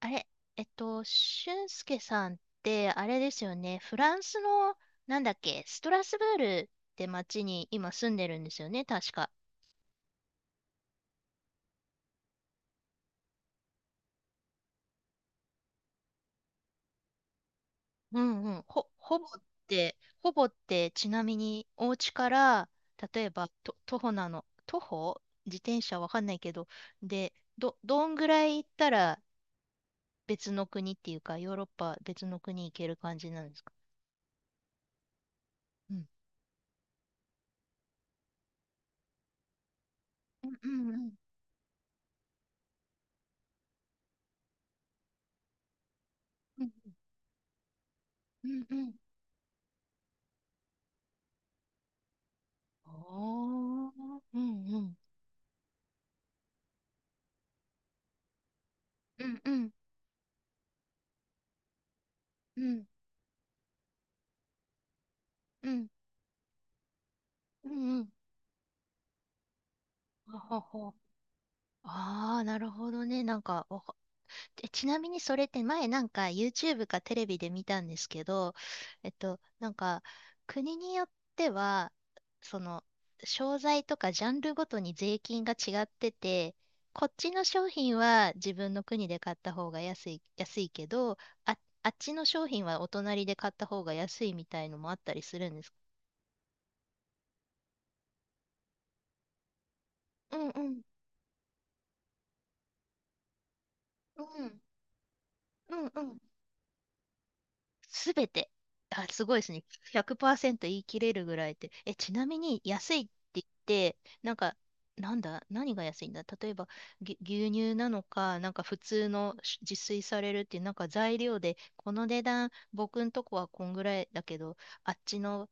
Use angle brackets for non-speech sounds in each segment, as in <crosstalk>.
あれ、俊介さんって、あれですよね、フランスの、なんだっけ、ストラスブールって町に今住んでるんですよね、確か。うんうん。て、ほぼって、ちなみに、お家から、例えば、徒歩なの、徒歩、自転車わかんないけど、で、どんぐらい行ったら別の国っていうか、ヨーロッパ別の国行ける感じなんですか？うん。うんうんうん。うんうんうん。おー。うんうん。うんうんうんうんうんうん。ほほほ、ああー、なるほどね。なんか、ちなみにそれって前なんか YouTube かテレビで見たんですけど、なんか、国によっては、その、商材とかジャンルごとに税金が違ってて、こっちの商品は自分の国で買った方が安い、安いけど、あ、あっちの商品はお隣で買った方が安いみたいのもあったりするんですか？うんうんうんうんうん。すべて、あ、すごいですね。100%言い切れるぐらいで、ちなみに安いって言って、なんか、なんだ、何が安いんだ。例えば牛乳なのか、なんか普通の自炊されるっていうなんか材料で、この値段僕んとこはこんぐらいだけど、あっちの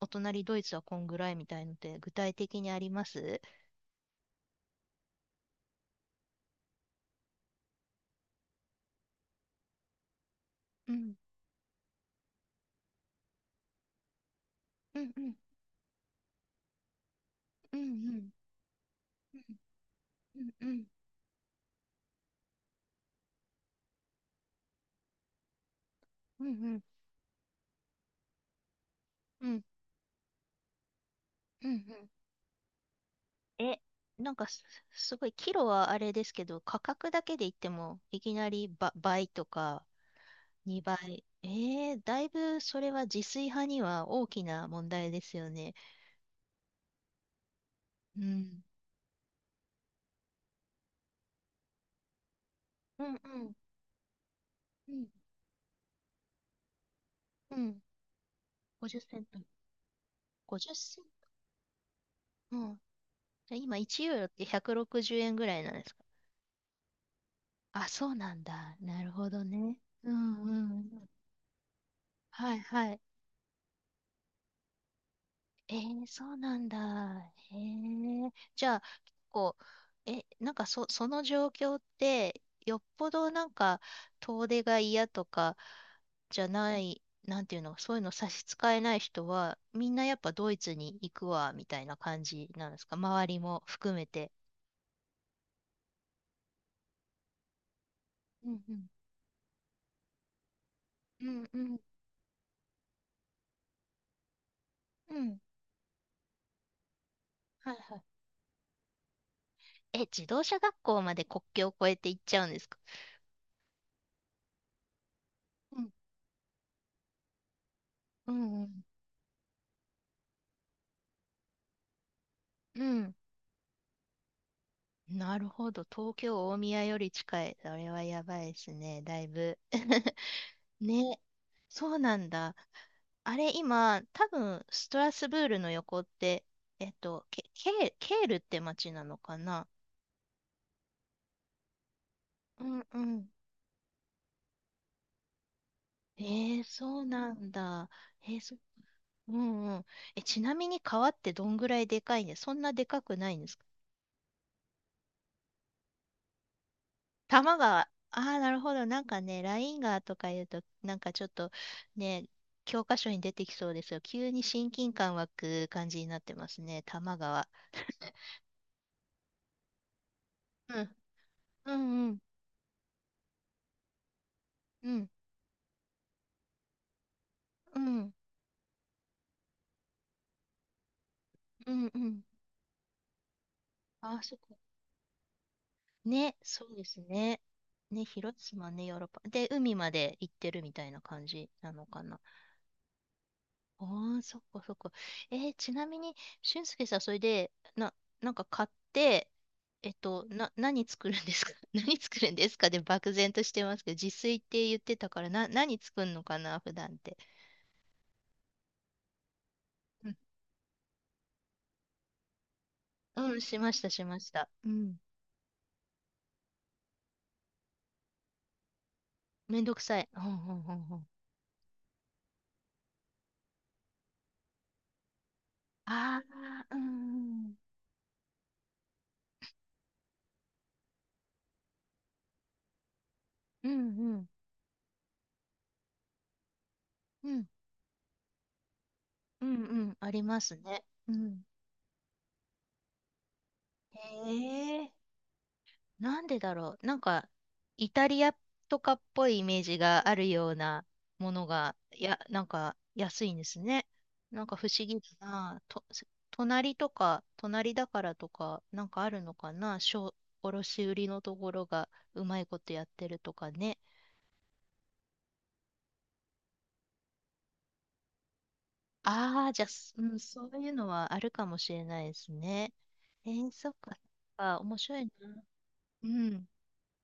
お隣ドイツはこんぐらいみたいので、具体的にあります？うんうんうんうんうんうんうんうんうんうんうんうん。え、なんかす、すごい、キロはあれですけど、価格だけで言っても、いきなり倍とか2倍。えー、だいぶそれは自炊派には大きな問題ですよね。うん。うんうんうんうん。50セント。50セント。うん。じゃあ今1ユーロって160円ぐらいなんですか？あ、そうなんだ。なるほどね。うんうん。はいはい。えー、そうなんだ。へえ。じゃあ、結構、え、その状況って、よっぽどなんか、遠出が嫌とか、じゃない、なんていうの、そういうの差し支えない人は、みんなやっぱドイツに行くわ、みたいな感じなんですか？周りも含めて。うんうん。うんうん。うん。はいはい。え、自動車学校まで国境を越えて行っちゃうんですか？うん。うんうん。うん、なるほど。東京、大宮より近い。それはやばいですね、だいぶ。<laughs> ね、そうなんだ。あれ、今、多分、ストラスブールの横って、ケーケールって町なのかな？うんうん。えー、そうなんだ。えーそ、うんうん。え、ちなみに川ってどんぐらいでかいんで、そんなでかくないんですか？玉川、ああ、なるほど。なんかね、ラインガーとか言うと、なんかちょっと、ね、教科書に出てきそうですよ。急に親近感湧く感じになってますね、玉川。うん、うん、うん、うん、うん、うん。ああ、そっか。ね、そうですね。ね、広島ね、ヨーロッパ。で、海まで行ってるみたいな感じなのかな。ああ、そっかそっか。えーちなみに、俊介さん、それで、な、なんか買って、何作るんですか？ <laughs> 何作るんですかで、漠然としてますけど、自炊って言ってたから、何作るのかな、普段って。うん、うん、しました、しました。うん。めんどくさい。うん、うん、うん、うん。ああ、うん、うん、うん、うん、うん、うん、うん、ありますね。うん。へえ。なんでだろう。なんか、イタリアとかっぽいイメージがあるようなものが、いや、なんか安いんですね。なんか不思議だな。隣とか、隣だからとか、なんかあるのかな。卸売りのところがうまいことやってるとかね。ああ、じゃあ、うん、そういうのはあるかもしれないですね。えー、そっか、そっか、面白いな。うん。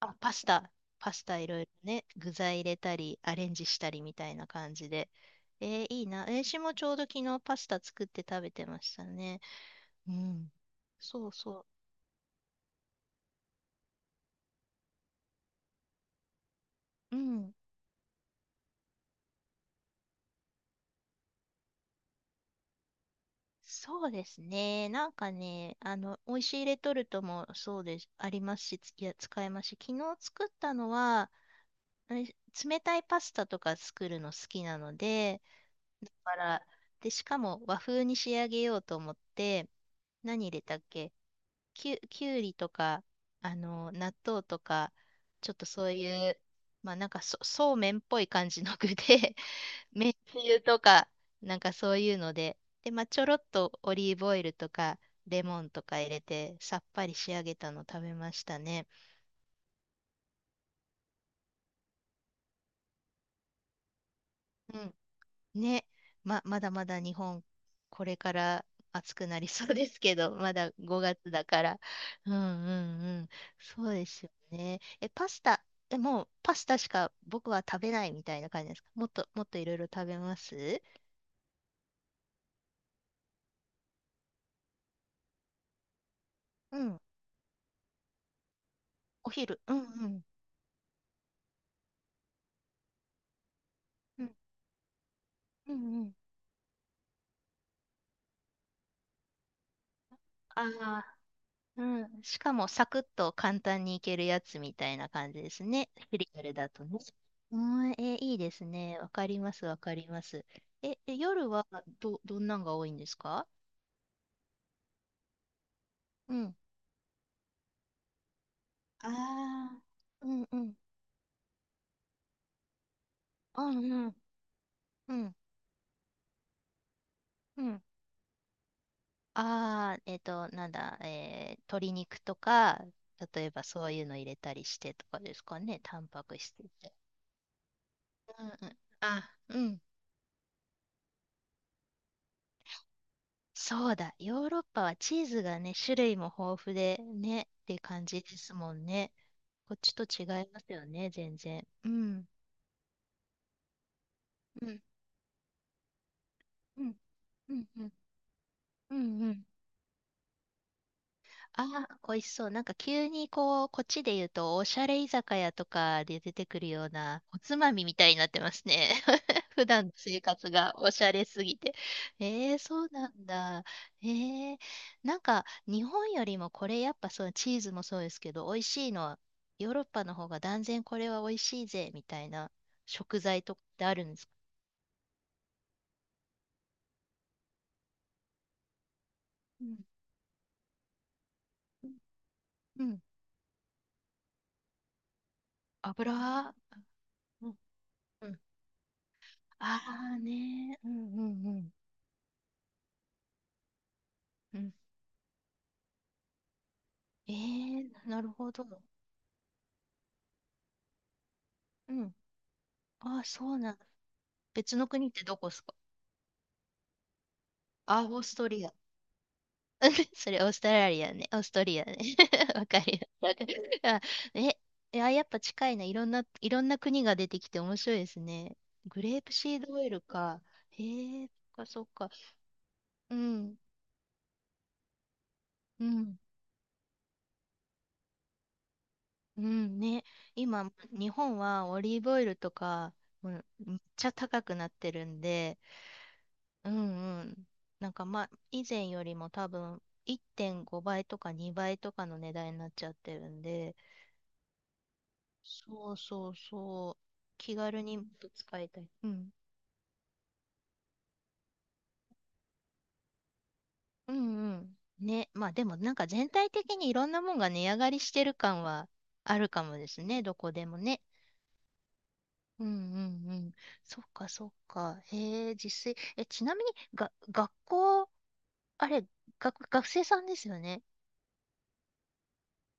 あ、パスタ、パスタいろいろね、具材入れたり、アレンジしたりみたいな感じで。えーいいな。えー、私もちょうど昨日パスタ作って食べてましたね。うん。そうそう。うん。そうですね。なんかね、あの、美味しいレトルトもそうです、ありますし、いや、使えますし、昨日作ったのは、え冷たいパスタとか作るの好きなので、だから、で、しかも和風に仕上げようと思って、何入れたっけ、きゅうりとか、あの、納豆とか、ちょっとそういう、まあなんか、そうめんっぽい感じの具で、<laughs> めんつゆとか、なんかそういうので、で、まあちょろっとオリーブオイルとか、レモンとか入れて、さっぱり仕上げたの食べましたね。うん、ね、まだまだ日本、これから暑くなりそうですけど、まだ5月だから。うんうんうん。そうですよね。え、パスタ、え、もうパスタしか僕は食べないみたいな感じですか？もっと、もっといろいろ食べます？うん。お昼。うんうん。うんうんうん。あ、うん。しかもサクッと簡単にいけるやつみたいな感じですね、フリアルだとね。うん、えー、いいですね。わかります、わかります。え、え夜はどんなんが多いんですか？うん。ああ、うんうん。うんうん。うんうん。ああ、なんだ、えー、鶏肉とか、例えばそういうの入れたりしてとかですかね、タンパク質って。うんうん。あ、うん、そうだ、ヨーロッパはチーズがね、種類も豊富でね、って感じですもんね。こっちと違いますよね、全然。うん。うん。うん。うん。うん。うんうん。ああ、美味しそう。なんか急にこう、こっちで言うと、おしゃれ居酒屋とかで出てくるような、おつまみみたいになってますね。普段の生活がおしゃれすぎて。えー、そうなんだ。えー、なんか日本よりもこれやっぱそう、チーズもそうですけど、美味しいのはヨーロッパの方が断然これは美味しいぜみたいな食材とかってあるんですか？うん。うん。油、うんうん。ああね。うんうんうん。うん。えー、なるほど。うん。ああ、そうなんだ。別の国ってどこですか？あ、オーストリア。<laughs> それオーストラリアね。オーストリアね。<laughs> わかるよ。わかる。あ、え、や、やっぱ近いな。いろんな、いろんな国が出てきて面白いですね。グレープシードオイルか。へえ、そっかそっか。うん、うん、うん、ね。今、日本はオリーブオイルとか、うん、めっちゃ高くなってるんで、うんうん。なんかまあ、以前よりも多分1.5倍とか2倍とかの値段になっちゃってるんで、そうそうそう。気軽に、もっと使いたい。うん。うんうん。ね、まあでもなんか全体的にいろんなもんが値上がりしてる感はあるかもですね、どこでもね。うんうんうん。そっかそっか。へえ、実際、え、ちなみにが、学校、あれ、学生さんですよね。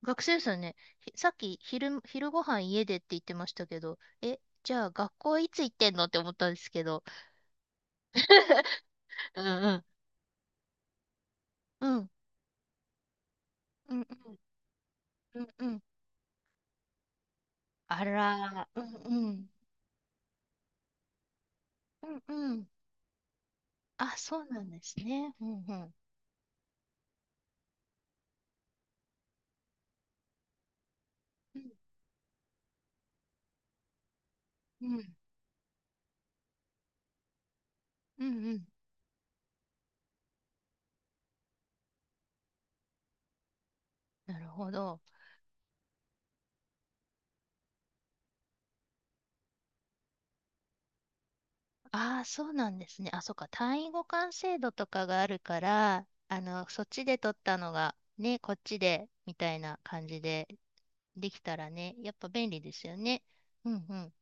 学生ですよね。さっき昼ご飯家でって言ってましたけど、え、じゃあ学校いつ行ってんのって思ったんですけど。うんうん。うん、うんうん、うんうん。あら、うんうん。うんうん。あ、そうなんですね。うんうん。うんうん。うんうん。なるほど。ああ、そうなんですね。あ、そっか。単位互換制度とかがあるから、あの、そっちで取ったのが、ね、こっちで、みたいな感じでできたらね、やっぱ便利ですよね。うんうん